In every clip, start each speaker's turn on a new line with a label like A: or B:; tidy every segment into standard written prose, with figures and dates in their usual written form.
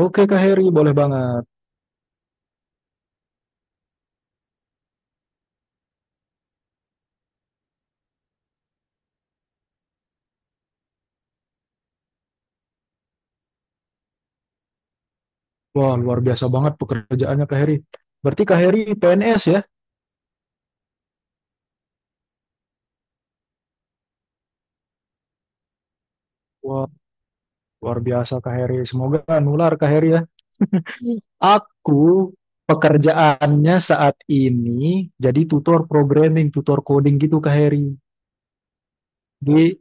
A: Oke Kak Heri, boleh banget. Wah, luar biasa banget pekerjaannya Kak Heri. Berarti Kak Heri PNS ya? Wah, luar biasa Kak Heri. Semoga nular Kak Heri ya. Aku pekerjaannya saat ini jadi tutor programming, tutor coding gitu Kak Heri. Di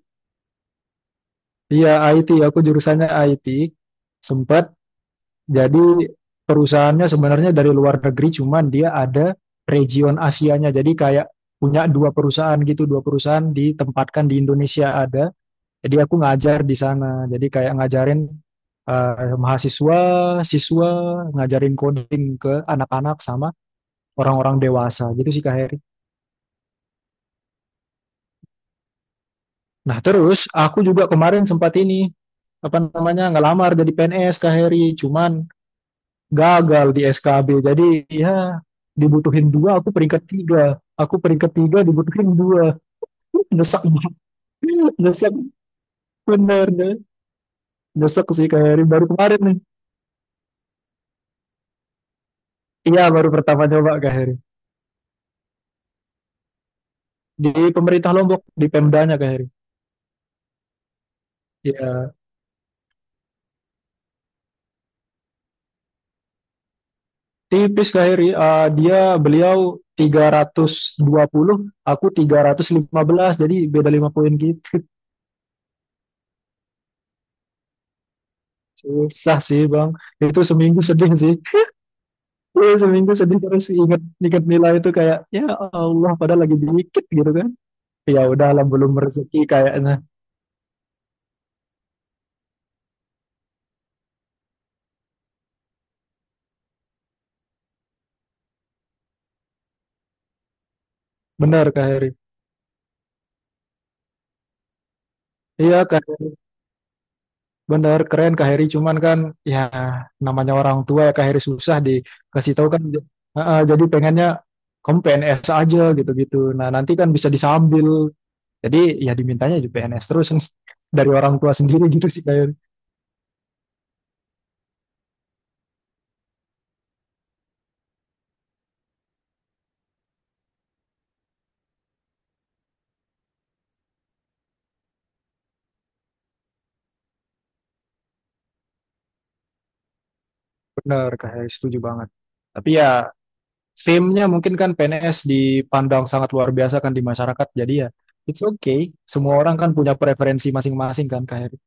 A: iya, IT, aku jurusannya IT. Sempat jadi perusahaannya sebenarnya dari luar negeri, cuman dia ada region Asianya. Jadi kayak punya dua perusahaan gitu, dua perusahaan ditempatkan di Indonesia ada. Jadi aku ngajar di sana. Jadi kayak ngajarin eh, mahasiswa, siswa, ngajarin coding ke anak-anak sama orang-orang dewasa gitu sih Kak Heri. Nah terus aku juga kemarin sempat ini apa namanya ngelamar jadi PNS Kak Heri, cuman gagal di SKB. Jadi ya dibutuhin dua, aku peringkat tiga. Aku peringkat tiga dibutuhin dua. Nyesek banget. Nyesek bener deh. Nyesek sih Kak Heri. Baru kemarin nih. Iya baru pertama coba Kak Heri. Di pemerintah Lombok di Pemdanya Kak Heri. Ya, tipis Kak Heri. Eh, dia beliau 320, aku 315, jadi beda 5 poin gitu. Susah sih Bang. Itu seminggu sedih sih. Iya, seminggu sedih terus ingat ingat nilai itu kayak ya Allah padahal lagi dikit gitu kan. Ya udah lah belum rezeki kayaknya. Benar Kak Heri. Iya Kak. Bener, keren Kak Heri. Cuman kan ya namanya orang tua ya Kak Heri susah dikasih tahu kan. Heeh, jadi pengennya kamu P N s aja gitu-gitu. Nah nanti kan bisa disambil. Jadi ya dimintanya juga PNS terus nih. Dari orang tua sendiri gitu sih Kak Heri. Bener Kak Heri, setuju banget. Tapi ya fame-nya mungkin kan PNS dipandang sangat luar biasa kan di masyarakat. Jadi ya it's okay. Semua orang kan punya preferensi masing-masing kan Kak Heri.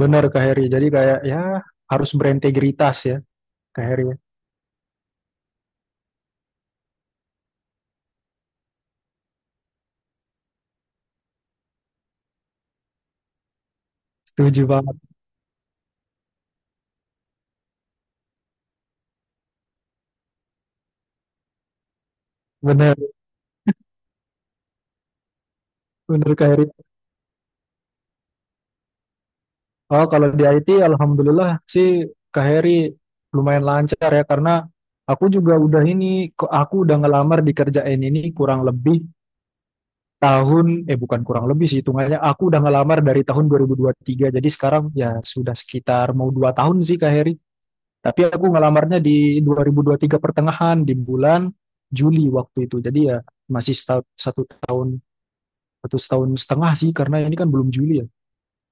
A: Bener Kak Heri. Jadi kayak ya harus berintegritas ya Kak Heri, ya. Setuju banget. Bener, bener Kak Heri. Oh, kalau di IT alhamdulillah sih Kak Heri lumayan lancar ya karena aku juga udah ini aku udah ngelamar di kerjaan ini kurang lebih tahun eh bukan kurang lebih sih hitungannya aku udah ngelamar dari tahun 2023. Jadi sekarang ya sudah sekitar mau 2 tahun sih Kak Heri. Tapi aku ngelamarnya di 2023 pertengahan di bulan Juli waktu itu. Jadi ya masih satu tahun setengah sih karena ini kan belum Juli ya.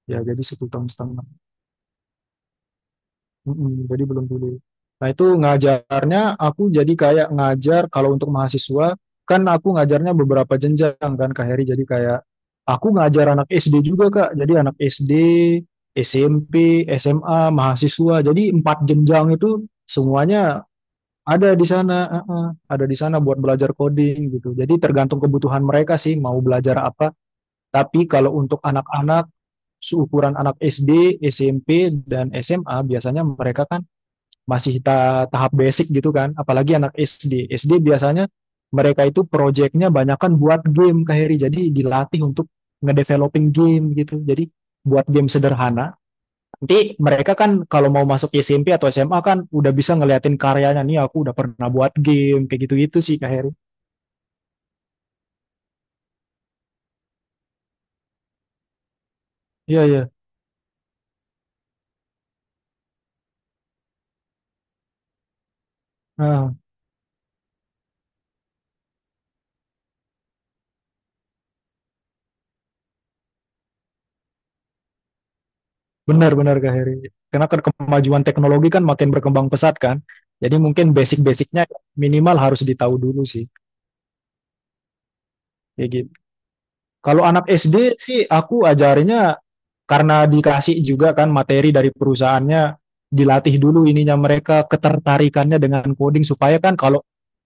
A: Ya, jadi satu tahun setengah. Mm-mm, jadi belum dulu. Nah, itu ngajarnya aku jadi kayak ngajar kalau untuk mahasiswa, kan aku ngajarnya beberapa jenjang kan Kak Heri. Jadi kayak aku ngajar anak SD juga Kak. Jadi anak SD, SMP, SMA, mahasiswa. Jadi empat jenjang itu semuanya ada di sana. Ada di sana buat belajar coding gitu. Jadi tergantung kebutuhan mereka sih mau belajar apa. Tapi kalau untuk anak-anak seukuran anak SD, SMP, dan SMA biasanya mereka kan masih tahap basic gitu kan. Apalagi anak SD. SD biasanya mereka itu projectnya banyak kan buat game Kak Heri. Jadi dilatih untuk ngedeveloping game gitu. Jadi buat game sederhana. Nanti mereka kan kalau mau masuk SMP atau SMA kan udah bisa ngeliatin karyanya. Nih aku udah pernah buat game kayak gitu-gitu sih Kak Heri. Iya, iya. Ah. Benar-benar Kak Heri. Karena kan kemajuan teknologi kan makin berkembang pesat kan. Jadi mungkin basic-basicnya minimal harus ditahu dulu sih. Kayak gitu. Kalau anak SD sih aku ajarinnya karena dikasih juga kan materi dari perusahaannya dilatih dulu ininya mereka ketertarikannya dengan coding supaya kan kalau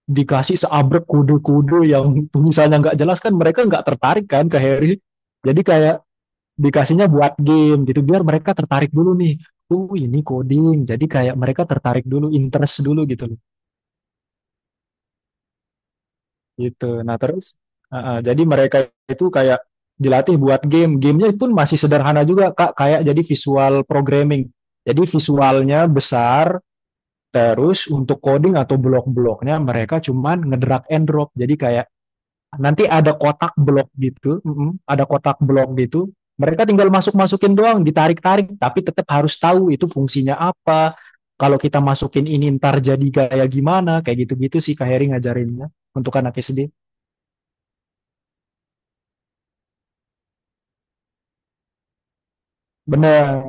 A: dikasih seabrek kode-kode yang misalnya nggak jelas kan mereka nggak tertarik kan Kak Heri. Jadi kayak dikasihnya buat game gitu biar mereka tertarik dulu nih, oh ini coding, jadi kayak mereka tertarik dulu interest dulu gitu loh. Gitu nah terus jadi mereka itu kayak dilatih buat game, gamenya pun masih sederhana juga kak, kayak jadi visual programming, jadi visualnya besar terus untuk coding atau blok-bloknya mereka cuman ngedrag and drop, jadi kayak. Nanti ada kotak blok gitu, ada kotak blok gitu. Mereka tinggal masuk-masukin doang, ditarik-tarik, tapi tetap harus tahu itu fungsinya apa. Kalau kita masukin ini ntar jadi gaya gimana, kayak gitu-gitu sih Kak Heri ngajarinnya untuk anak SD. Bener,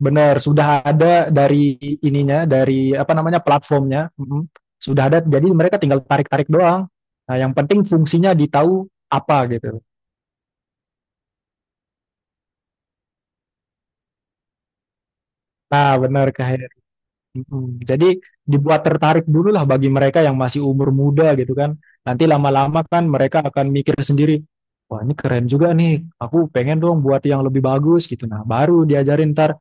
A: bener. Sudah ada dari ininya, dari apa namanya platformnya. Mm-mm. Sudah ada, jadi mereka tinggal tarik-tarik doang. Nah, yang penting fungsinya ditahu apa gitu. Nah, bener Kak Heri. Jadi dibuat tertarik dulu lah bagi mereka yang masih umur muda gitu kan. Nanti lama-lama kan mereka akan mikir sendiri, wah ini keren juga nih, aku pengen dong buat yang lebih bagus gitu. Nah baru diajarin ntar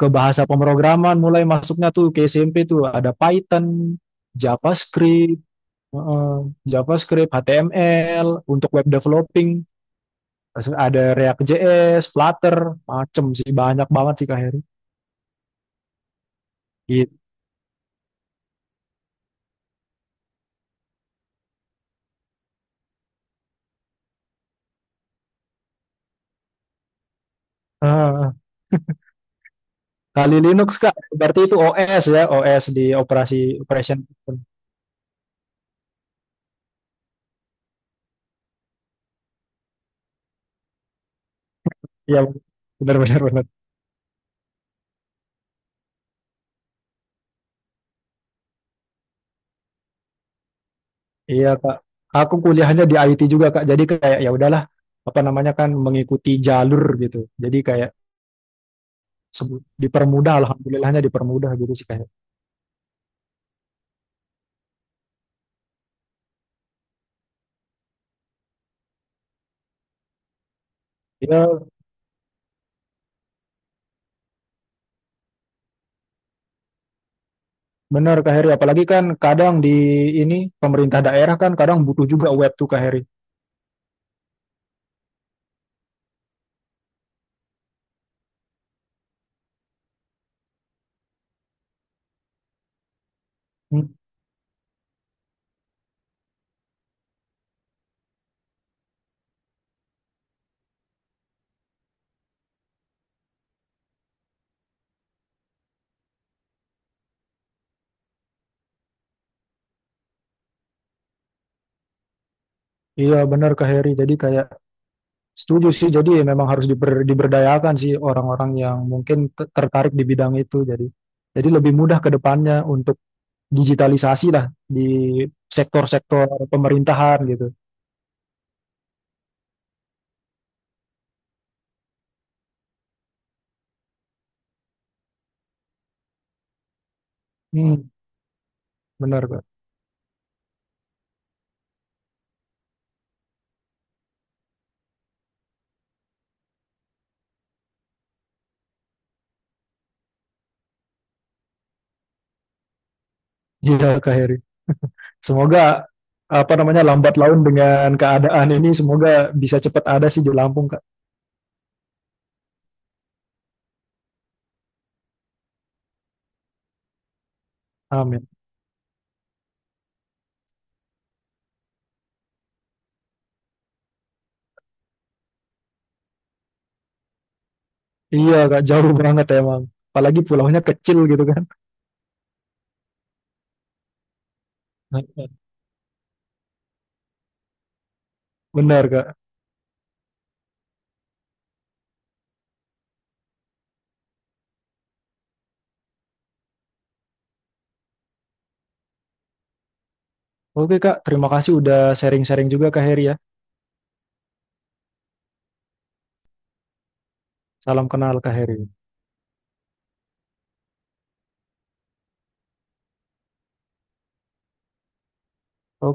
A: ke bahasa pemrograman mulai masuknya tuh ke SMP tuh ada Python, JavaScript, heeh, JavaScript, HTML, untuk web developing, terus ada React.js, Flutter, macem sih banyak banget sih Kak Heri. Gitu. Kali Linux Kak, berarti itu OS ya, OS di operasi operation system. Iya, benar benar benar. Iya Kak. Aku kuliahnya di IT juga Kak. Jadi kayak ya udahlah apa namanya kan mengikuti jalur gitu. Jadi kayak sebut dipermudah alhamdulillahnya dipermudah gitu sih kayak. Iya, benar Kak Heri. Apalagi kan kadang di ini pemerintah daerah kan kadang butuh juga web tuh Kak Heri. Hmm. Iya benar Kak Heri. Jadi kayak, setuju sih, jadi ya memang harus diberdayakan sih orang-orang yang mungkin tertarik di bidang itu. Jadi, lebih mudah ke depannya untuk digitalisasi lah di sektor-sektor pemerintahan gitu. Hmm, benar Kak. Iya Kak Heri. Semoga apa namanya lambat laun dengan keadaan ini semoga bisa cepat ada sih di Lampung Kak. Amin. Iya Kak, jauh banget emang. Apalagi pulaunya kecil gitu kan. Benar Kak. Oke Kak, terima kasih udah sharing-sharing juga Kak Heri ya. Salam kenal Kak Heri. Oke,